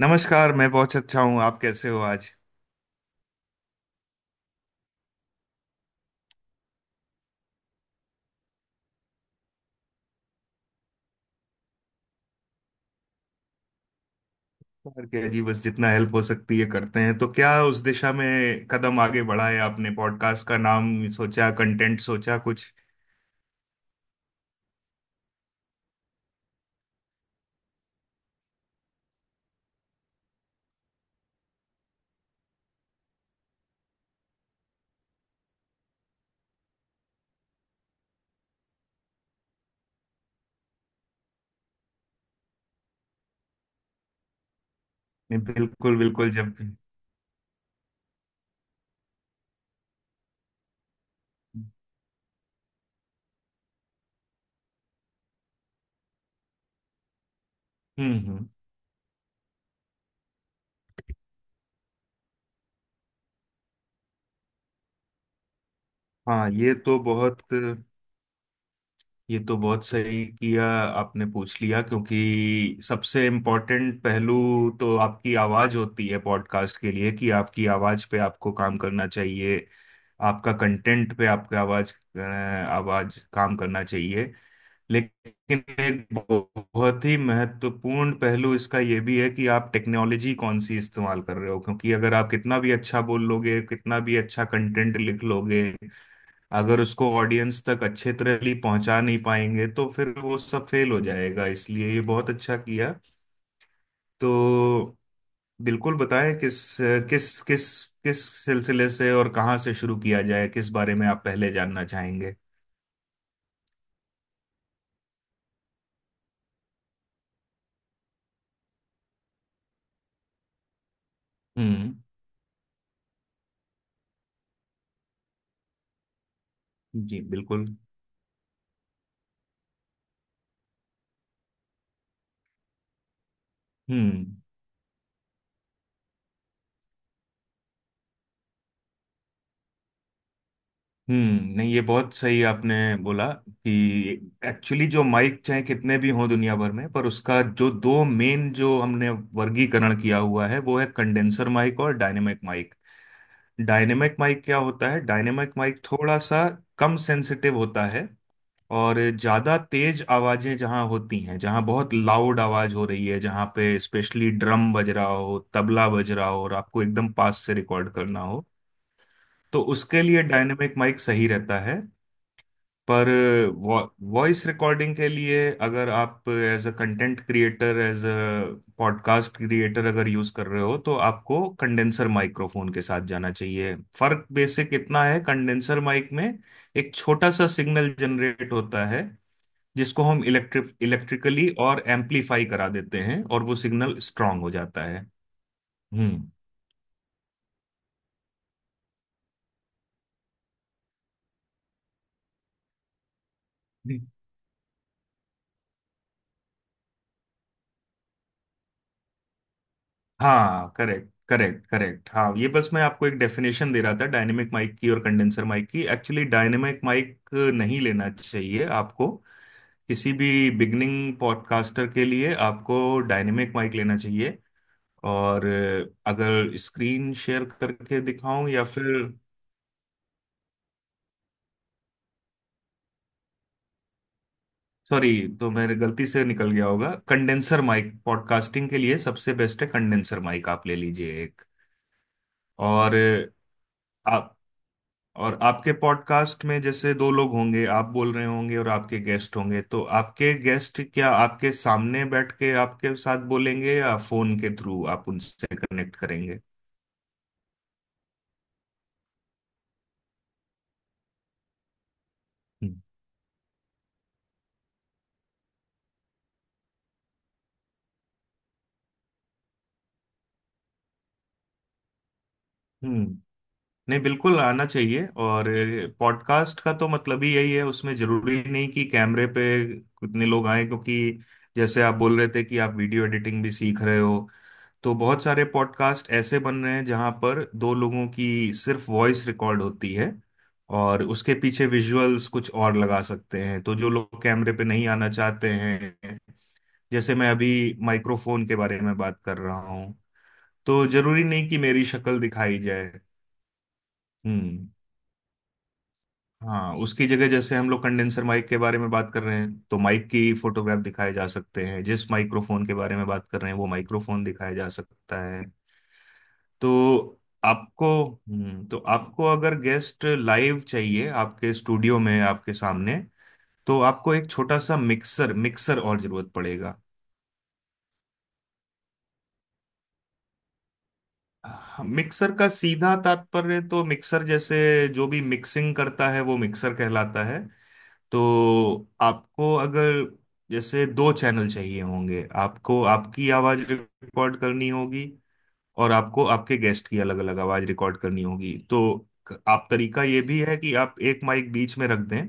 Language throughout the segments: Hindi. नमस्कार। मैं बहुत अच्छा हूँ। आप कैसे हो आज? और क्या जी, बस जितना हेल्प हो सकती है करते हैं। तो क्या उस दिशा में कदम आगे बढ़ाए? आपने पॉडकास्ट का नाम सोचा? कंटेंट सोचा कुछ? नहीं, बिल्कुल बिल्कुल। जब... हम्म। हम्म। हाँ, ये तो बहुत सही किया। आपने पूछ लिया, क्योंकि सबसे इम्पोर्टेंट पहलू तो आपकी आवाज होती है पॉडकास्ट के लिए, कि आपकी आवाज पे आपको काम करना चाहिए। आपका कंटेंट पे आपका आवाज आवाज काम करना चाहिए। लेकिन एक बहुत ही महत्वपूर्ण पहलू इसका ये भी है कि आप टेक्नोलॉजी कौन सी इस्तेमाल कर रहे हो, क्योंकि अगर आप कितना भी अच्छा बोल लोगे, कितना भी अच्छा कंटेंट लिख लोगे, अगर उसको ऑडियंस तक अच्छे तरह पहुंचा नहीं पाएंगे तो फिर वो सब फेल हो जाएगा। इसलिए ये बहुत अच्छा किया। तो बिल्कुल बताएं, किस किस सिलसिले से और कहाँ से शुरू किया जाए, किस बारे में आप पहले जानना चाहेंगे? हम्म। जी, बिल्कुल। हम्म। हम्म। नहीं, ये बहुत सही आपने बोला, कि एक्चुअली जो माइक चाहे कितने भी हों दुनिया भर में, पर उसका जो दो मेन जो हमने वर्गीकरण किया हुआ है, वो है कंडेंसर माइक और डायनेमिक माइक। डायनेमिक माइक क्या होता है? डायनेमिक माइक थोड़ा सा कम सेंसिटिव होता है। और ज्यादा तेज आवाजें जहां होती हैं, जहां बहुत लाउड आवाज हो रही है, जहां पे स्पेशली ड्रम बज रहा हो, तबला बज रहा हो और आपको एकदम पास से रिकॉर्ड करना हो, तो उसके लिए डायनेमिक माइक सही रहता है। पर वॉइस रिकॉर्डिंग के लिए, अगर आप as a content creator, as a podcast creator अगर यूज कर रहे हो, तो आपको कंडेंसर माइक्रोफोन के साथ जाना चाहिए। फर्क बेसिक इतना है, कंडेंसर माइक में एक छोटा सा सिग्नल जनरेट होता है, जिसको हम इलेक्ट्रिकली और एम्पलीफाई करा देते हैं, और वो सिग्नल स्ट्रांग हो जाता है। हम्म। हाँ, करेक्ट करेक्ट करेक्ट। हाँ, ये बस मैं आपको एक डेफिनेशन दे रहा था डायनेमिक माइक की और कंडेंसर माइक की। एक्चुअली डायनेमिक माइक नहीं लेना चाहिए आपको। किसी भी बिगनिंग पॉडकास्टर के लिए आपको डायनेमिक माइक लेना चाहिए। और अगर स्क्रीन शेयर करके दिखाऊं या फिर... सॉरी, तो मेरे गलती से निकल गया होगा। कंडेंसर माइक पॉडकास्टिंग के लिए सबसे बेस्ट है। कंडेंसर माइक आप ले लीजिए एक। और आप और आपके पॉडकास्ट में जैसे दो लोग होंगे, आप बोल रहे होंगे और आपके गेस्ट होंगे। तो आपके गेस्ट क्या आपके सामने बैठ के आपके साथ बोलेंगे या फोन के थ्रू आप उनसे कनेक्ट करेंगे? हम्म। हम्म। नहीं, बिल्कुल आना चाहिए। और पॉडकास्ट का तो मतलब ही यही है। उसमें जरूरी नहीं कि कैमरे पे कितने लोग आए, क्योंकि जैसे आप बोल रहे थे कि आप वीडियो एडिटिंग भी सीख रहे हो, तो बहुत सारे पॉडकास्ट ऐसे बन रहे हैं जहां पर दो लोगों की सिर्फ वॉइस रिकॉर्ड होती है और उसके पीछे विजुअल्स कुछ और लगा सकते हैं। तो जो लोग कैमरे पे नहीं आना चाहते हैं, जैसे मैं अभी माइक्रोफोन के बारे में बात कर रहा हूँ, तो जरूरी नहीं कि मेरी शक्ल दिखाई जाए। हम्म। हाँ, उसकी जगह जैसे हम लोग कंडेंसर माइक के बारे में बात कर रहे हैं तो माइक की फोटोग्राफ दिखाए जा सकते हैं। जिस माइक्रोफोन के बारे में बात कर रहे हैं वो माइक्रोफोन दिखाया जा सकता है। तो तो आपको अगर गेस्ट लाइव चाहिए आपके स्टूडियो में आपके सामने, तो आपको एक छोटा सा मिक्सर मिक्सर और जरूरत पड़ेगा। हाँ, मिक्सर का सीधा तात्पर्य तो, मिक्सर जैसे जो भी मिक्सिंग करता है वो मिक्सर कहलाता है। तो आपको अगर जैसे दो चैनल चाहिए होंगे, आपको आपकी आवाज रिकॉर्ड करनी होगी और आपको आपके गेस्ट की अलग अलग आवाज रिकॉर्ड करनी होगी। तो क- आप तरीका ये भी है कि आप एक माइक बीच में रख दें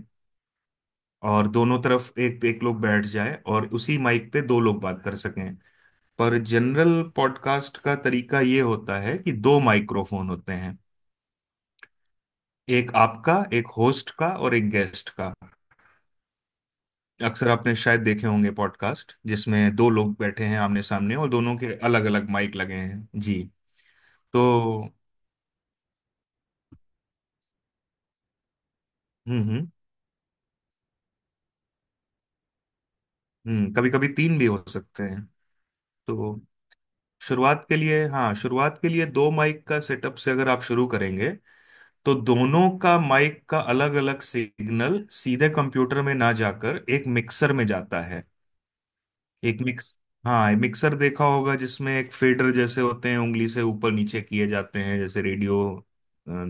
और दोनों तरफ एक एक लोग बैठ जाए और उसी माइक पे दो लोग बात कर सकें। पर जनरल पॉडकास्ट का तरीका ये होता है कि दो माइक्रोफोन होते हैं। एक आपका, एक होस्ट का और एक गेस्ट का। अक्सर आपने शायद देखे होंगे पॉडकास्ट जिसमें दो लोग बैठे हैं आमने सामने और दोनों के अलग अलग माइक लगे हैं जी। तो हम्म हम्म कभी कभी तीन भी हो सकते हैं। तो शुरुआत के लिए, हाँ, शुरुआत के लिए दो माइक का सेटअप से अगर आप शुरू करेंगे, तो दोनों का माइक का अलग अलग सिग्नल सीधे कंप्यूटर में ना जाकर एक मिक्सर में जाता है। एक मिक्स हाँ, मिक्सर देखा होगा जिसमें एक फेडर जैसे होते हैं, उंगली से ऊपर नीचे किए जाते हैं, जैसे रेडियो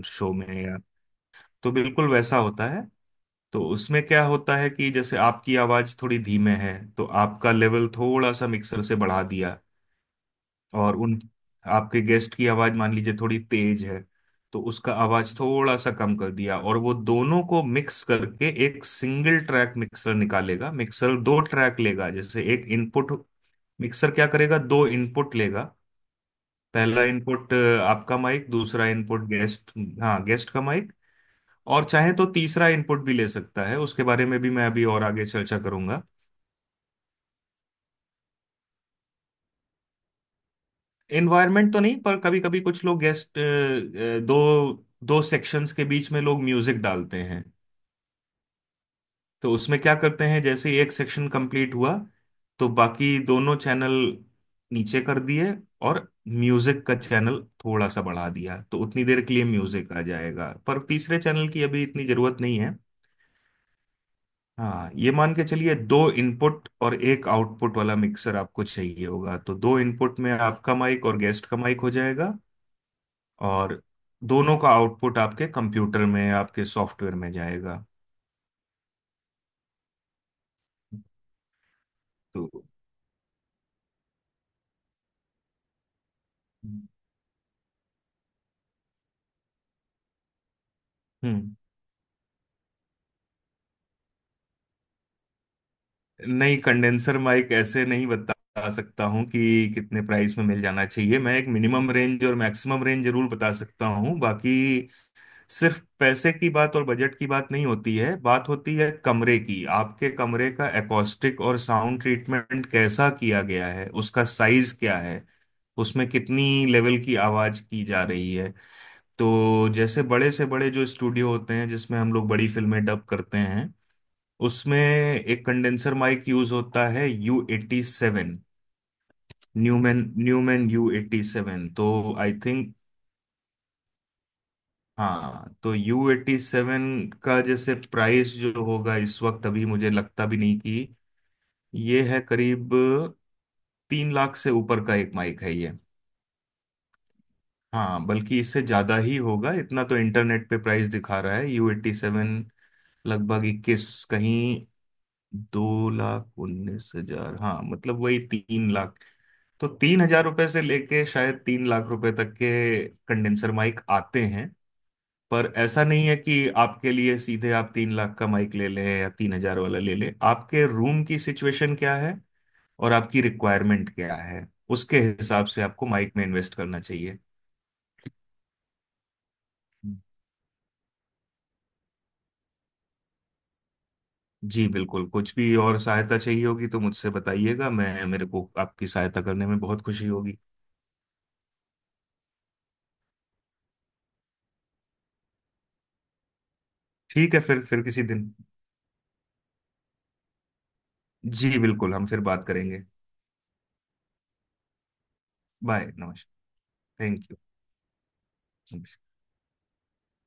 शो में या... तो बिल्कुल वैसा होता है। तो उसमें क्या होता है कि जैसे आपकी आवाज थोड़ी धीमे है तो आपका लेवल थोड़ा सा मिक्सर से बढ़ा दिया। और उन आपके गेस्ट की आवाज मान लीजिए थोड़ी तेज है, तो उसका आवाज थोड़ा सा कम कर दिया, और वो दोनों को मिक्स करके एक सिंगल ट्रैक मिक्सर निकालेगा। मिक्सर दो ट्रैक लेगा, जैसे एक इनपुट... मिक्सर क्या करेगा, दो इनपुट लेगा। पहला इनपुट आपका माइक, दूसरा इनपुट गेस्ट, हाँ, गेस्ट का माइक। और चाहे तो तीसरा इनपुट भी ले सकता है, उसके बारे में भी मैं अभी और आगे चर्चा करूंगा। एनवायरनमेंट तो नहीं, पर कभी कभी कुछ लोग गेस्ट दो दो सेक्शंस के बीच में लोग म्यूजिक डालते हैं। तो उसमें क्या करते हैं, जैसे ही एक सेक्शन कंप्लीट हुआ तो बाकी दोनों चैनल नीचे कर दिए और म्यूजिक का चैनल थोड़ा सा बढ़ा दिया, तो उतनी देर के लिए म्यूजिक आ जाएगा। पर तीसरे चैनल की अभी इतनी जरूरत नहीं है। हाँ, ये मान के चलिए, दो इनपुट और एक आउटपुट वाला मिक्सर आपको चाहिए होगा। तो दो इनपुट में आपका माइक और गेस्ट का माइक हो जाएगा, और दोनों का आउटपुट आपके कंप्यूटर में आपके सॉफ्टवेयर में जाएगा। तो हम्म नहीं, कंडेंसर माइक ऐसे नहीं बता सकता हूँ कि कितने प्राइस में मिल जाना चाहिए। मैं एक मिनिमम रेंज और मैक्सिमम रेंज जरूर बता सकता हूँ। बाकी सिर्फ पैसे की बात और बजट की बात नहीं होती है, बात होती है कमरे की। आपके कमरे का एकॉस्टिक और साउंड ट्रीटमेंट कैसा किया गया है, उसका साइज क्या है, उसमें कितनी लेवल की आवाज की जा रही है। तो जैसे बड़े से बड़े जो स्टूडियो होते हैं जिसमें हम लोग बड़ी फिल्में डब करते हैं, उसमें एक कंडेंसर माइक यूज होता है, U87। न्यूमैन न्यूमैन U87, तो आई थिंक... हाँ, तो U87 का जैसे प्राइस जो होगा इस वक्त, अभी मुझे लगता भी नहीं कि ये है करीब... 3 लाख से ऊपर का एक माइक है ये। हाँ, बल्कि इससे ज्यादा ही होगा। इतना तो इंटरनेट पे प्राइस दिखा रहा है, U87 लगभग 21... कहीं 2 लाख 19 हजार। हाँ, मतलब वही 3 लाख। तो तीन हजार रुपए से लेके शायद 3 लाख रुपए तक के कंडेंसर माइक आते हैं। पर ऐसा नहीं है कि आपके लिए सीधे आप 3 लाख का माइक ले लें या 3 हजार वाला ले लें। आपके रूम की सिचुएशन क्या है और आपकी रिक्वायरमेंट क्या है, उसके हिसाब से आपको माइक में इन्वेस्ट करना चाहिए। जी बिल्कुल, कुछ भी और सहायता चाहिए होगी तो मुझसे बताइएगा। मैं मेरे को आपकी सहायता करने में बहुत खुशी होगी। ठीक है, फिर किसी दिन। जी बिल्कुल, हम फिर बात करेंगे। बाय, नमस्कार। Thank you.